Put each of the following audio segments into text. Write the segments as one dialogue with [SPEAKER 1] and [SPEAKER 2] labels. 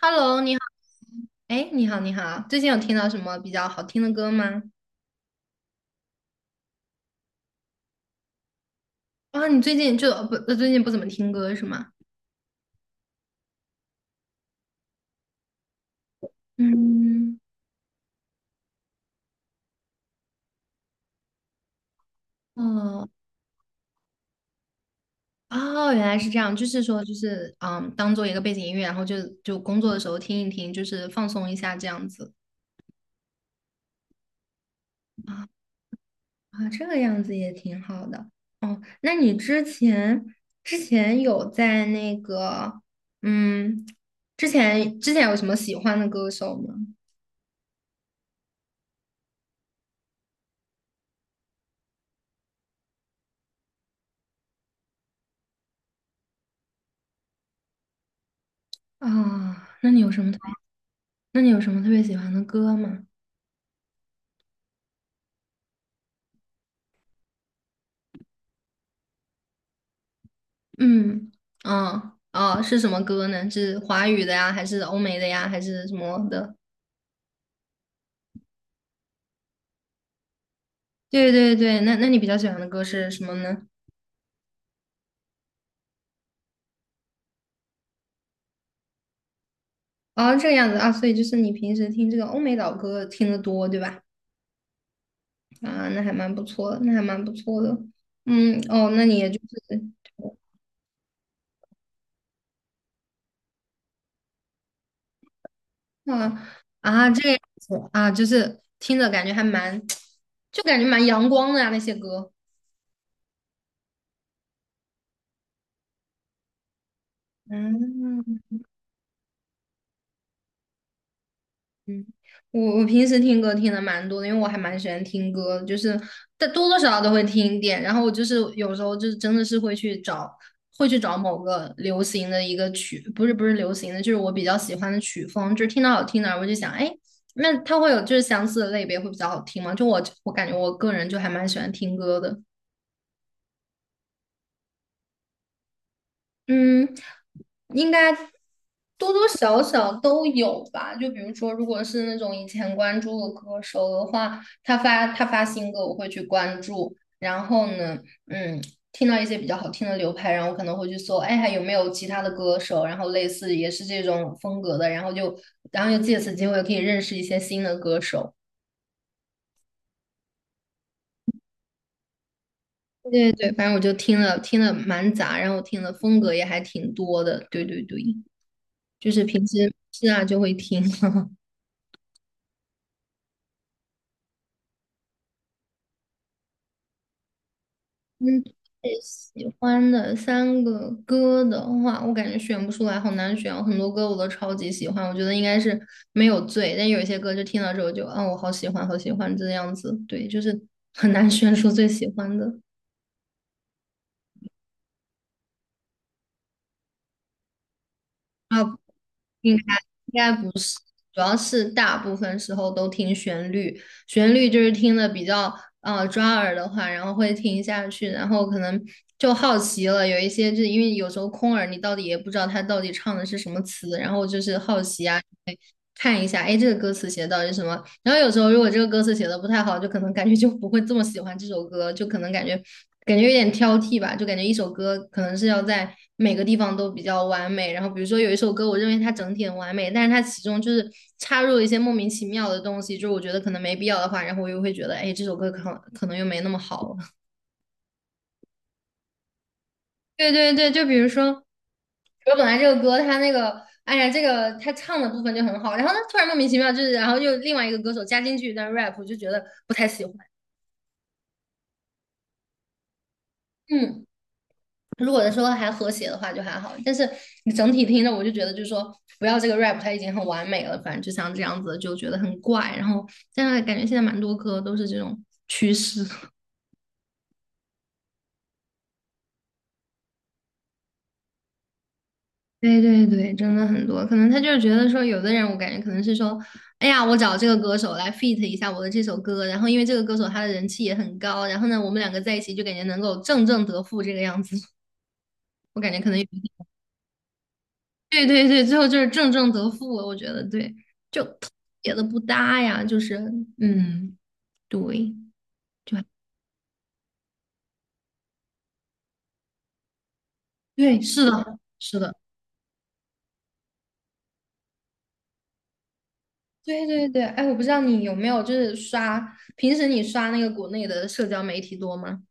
[SPEAKER 1] Hello，你好，哎，你好，你好，最近有听到什么比较好听的歌吗？啊，你最近就呃不，呃最近不怎么听歌是吗？嗯，哦，哦，原来是这样，就是说，就是当做一个背景音乐，然后就工作的时候听一听，就是放松一下这样子。啊啊，这个样子也挺好的。哦，那你之前有在那个嗯，之前有什么喜欢的歌手吗？啊，那你有什么？那你有什么特别喜欢的歌吗？嗯，哦哦，是什么歌呢？是华语的呀，还是欧美的呀，还是什么的？对对对，那你比较喜欢的歌是什么呢？哦，这个样子啊，所以就是你平时听这个欧美老歌听得多，对吧？啊，那还蛮不错的，那还蛮不错的。嗯，哦，那你也就是。啊，啊这个样子啊，就是听着感觉还蛮，就感觉蛮阳光的呀，那些歌。嗯，嗯，我平时听歌听的蛮多的，因为我还蛮喜欢听歌的，就是但多多少少都会听一点。然后我就是有时候就是真的是会去找，会去找某个流行的一个曲，不是流行的，就是我比较喜欢的曲风，就是听到好听的，我就想，哎，那它会有就是相似的类别会比较好听吗？就我感觉我个人就还蛮喜欢听歌的。嗯，应该多多少少都有吧。就比如说，如果是那种以前关注的歌手的话，他发新歌，我会去关注。然后呢，嗯，听到一些比较好听的流派，然后我可能会去搜，哎，还有没有其他的歌手，然后类似也是这种风格的，然后就借此机会可以认识一些新的歌手。对对对，反正我就听了蛮杂，然后听的风格也还挺多的。对对对，就是平时是啊就会听。嗯，最喜欢的三个歌的话，我感觉选不出来，好难选哦。很多歌我都超级喜欢，我觉得应该是没有最，但有一些歌就听到之后就啊，我好喜欢，好喜欢这样子。对，就是很难选出最喜欢的。啊，应该应该主要是大部分时候都听旋律，旋律就是听的比较抓耳的话，然后会听下去，然后可能就好奇了。有一些就是因为有时候空耳，你到底也不知道他到底唱的是什么词，然后就是好奇啊，看一下，哎，这个歌词写的到底是什么？然后有时候如果这个歌词写的不太好，就可能感觉就不会这么喜欢这首歌，就可能感觉有点挑剔吧，就感觉一首歌可能是要在每个地方都比较完美。然后比如说有一首歌，我认为它整体很完美，但是它其中就是插入了一些莫名其妙的东西，就是我觉得可能没必要的话，然后我又会觉得，哎，这首歌可能又没那么好了。 对对对，就比如说。我本来这个歌，他那个，哎呀，这个他唱的部分就很好，然后呢，突然莫名其妙就是，然后又另外一个歌手加进去一段 rap，我就觉得不太喜欢。嗯，如果说还和谐的话就还好，但是你整体听着，我就觉得就是说，不要这个 rap，它已经很完美了，反正就像这样子，就觉得很怪。然后现在感觉现在蛮多歌都是这种趋势。对对对，真的很多，可能他就是觉得说，有的人我感觉可能是说，哎呀，我找这个歌手来 feat 一下我的这首歌，然后因为这个歌手他的人气也很高，然后呢，我们两个在一起就感觉能够正正得负这个样子。我感觉可能有一点。对对对，最后就是正正得负了，我觉得对，就特别的不搭呀，就是嗯，对，就对，是的，是的，对对对，哎，我不知道你有没有就是刷，平时你刷那个国内的社交媒体多吗？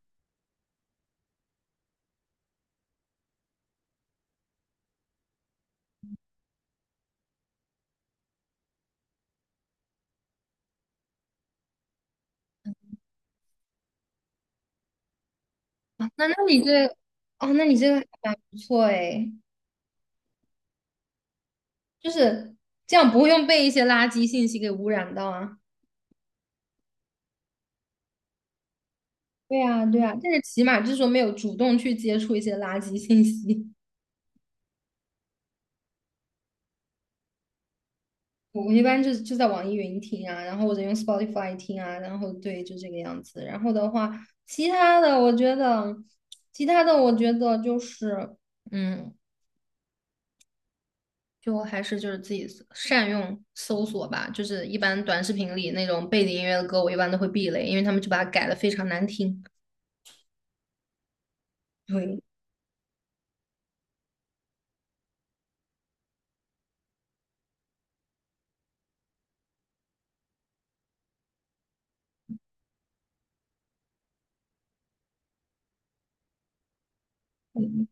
[SPEAKER 1] 啊，那那你这。哦，那你这个还蛮不错诶，就是这样不会用被一些垃圾信息给污染到啊。对啊，对啊，但是起码就是说没有主动去接触一些垃圾信息。我一般就是在网易云听啊，然后或者用 Spotify 听啊，然后对，就这个样子。然后的话，其他的我觉得，其他的我觉得就是，嗯，就还是就是自己善用搜索吧，就是一般短视频里那种背景音乐的歌，我一般都会避雷，因为他们就把它改的非常难听。对，嗯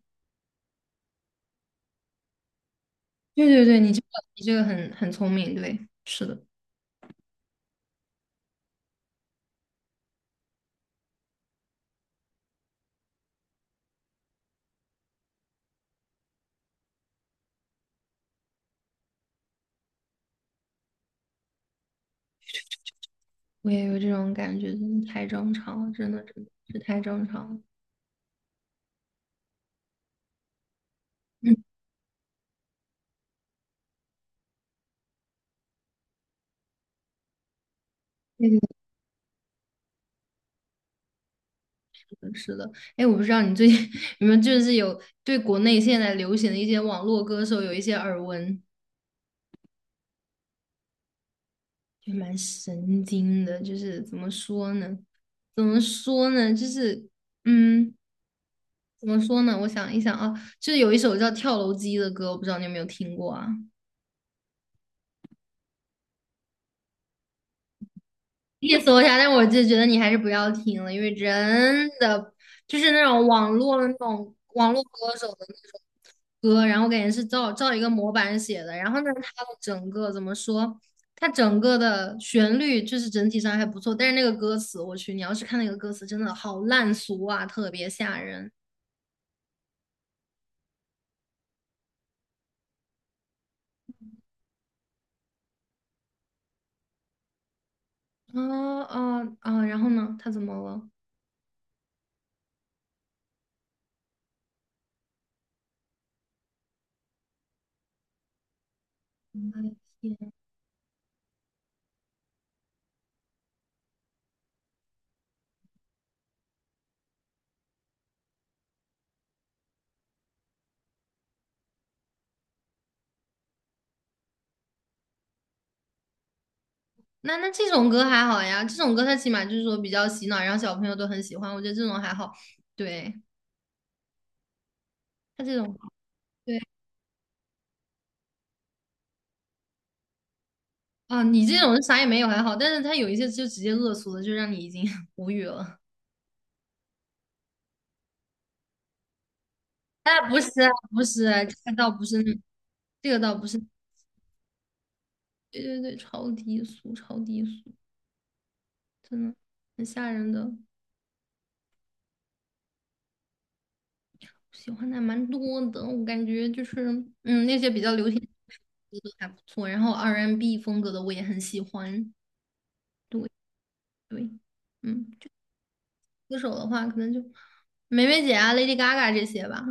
[SPEAKER 1] 对对对，你这个很很聪明，对，是的，我也有这种感觉，真的太正常了，真的真的是太正常了。嗯，对对对是的。哎，我不知道你最近 你们就是有对国内现在流行的一些网络歌手有一些耳闻。就蛮神经的，就是怎么说呢？怎么说呢？就是嗯，怎么说呢？我想一想啊，就是有一首叫《跳楼机》的歌，我不知道你有没有听过啊？意搜一下，但我就觉得你还是不要听了，因为真的就是那种网络的那种网络歌手的那种歌，然后我感觉是照一个模板写的，然后呢，它的整个怎么说，它整个的旋律就是整体上还不错，但是那个歌词，我去，你要是看那个歌词，真的好烂俗啊，特别吓人。啊啊啊！然后呢，他怎么了？我的天。那那这种歌还好呀，这种歌它起码就是说比较洗脑，然后小朋友都很喜欢，我觉得这种还好。对。他这种。对啊，你这种啥也没有还好，但是他有一些就直接恶俗的，就让你已经 无语了。哎，不是啊不是啊，这个倒不是。那这个倒不是，对对对，超低俗，超低俗，真的很吓人的。喜欢的还蛮多的，我感觉就是嗯，那些比较流行的歌都还不错，然后 R&B N 风格的我也很喜欢。对对，嗯，就歌手的话可能就梅梅姐啊、Lady Gaga 这些吧。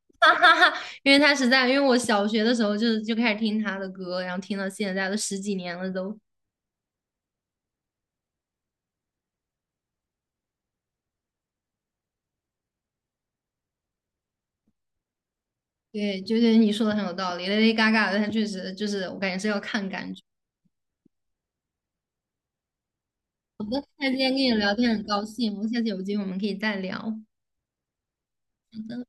[SPEAKER 1] 哈哈哈，因为他实在，因为我小学的时候就开始听他的歌，然后听到现在都十几年了都。对，就是你说的很有道理，Lady Gaga 的他确实就是我感觉是要看感觉。那今天跟你聊天很高兴，我们下次有机会我们可以再聊。好的。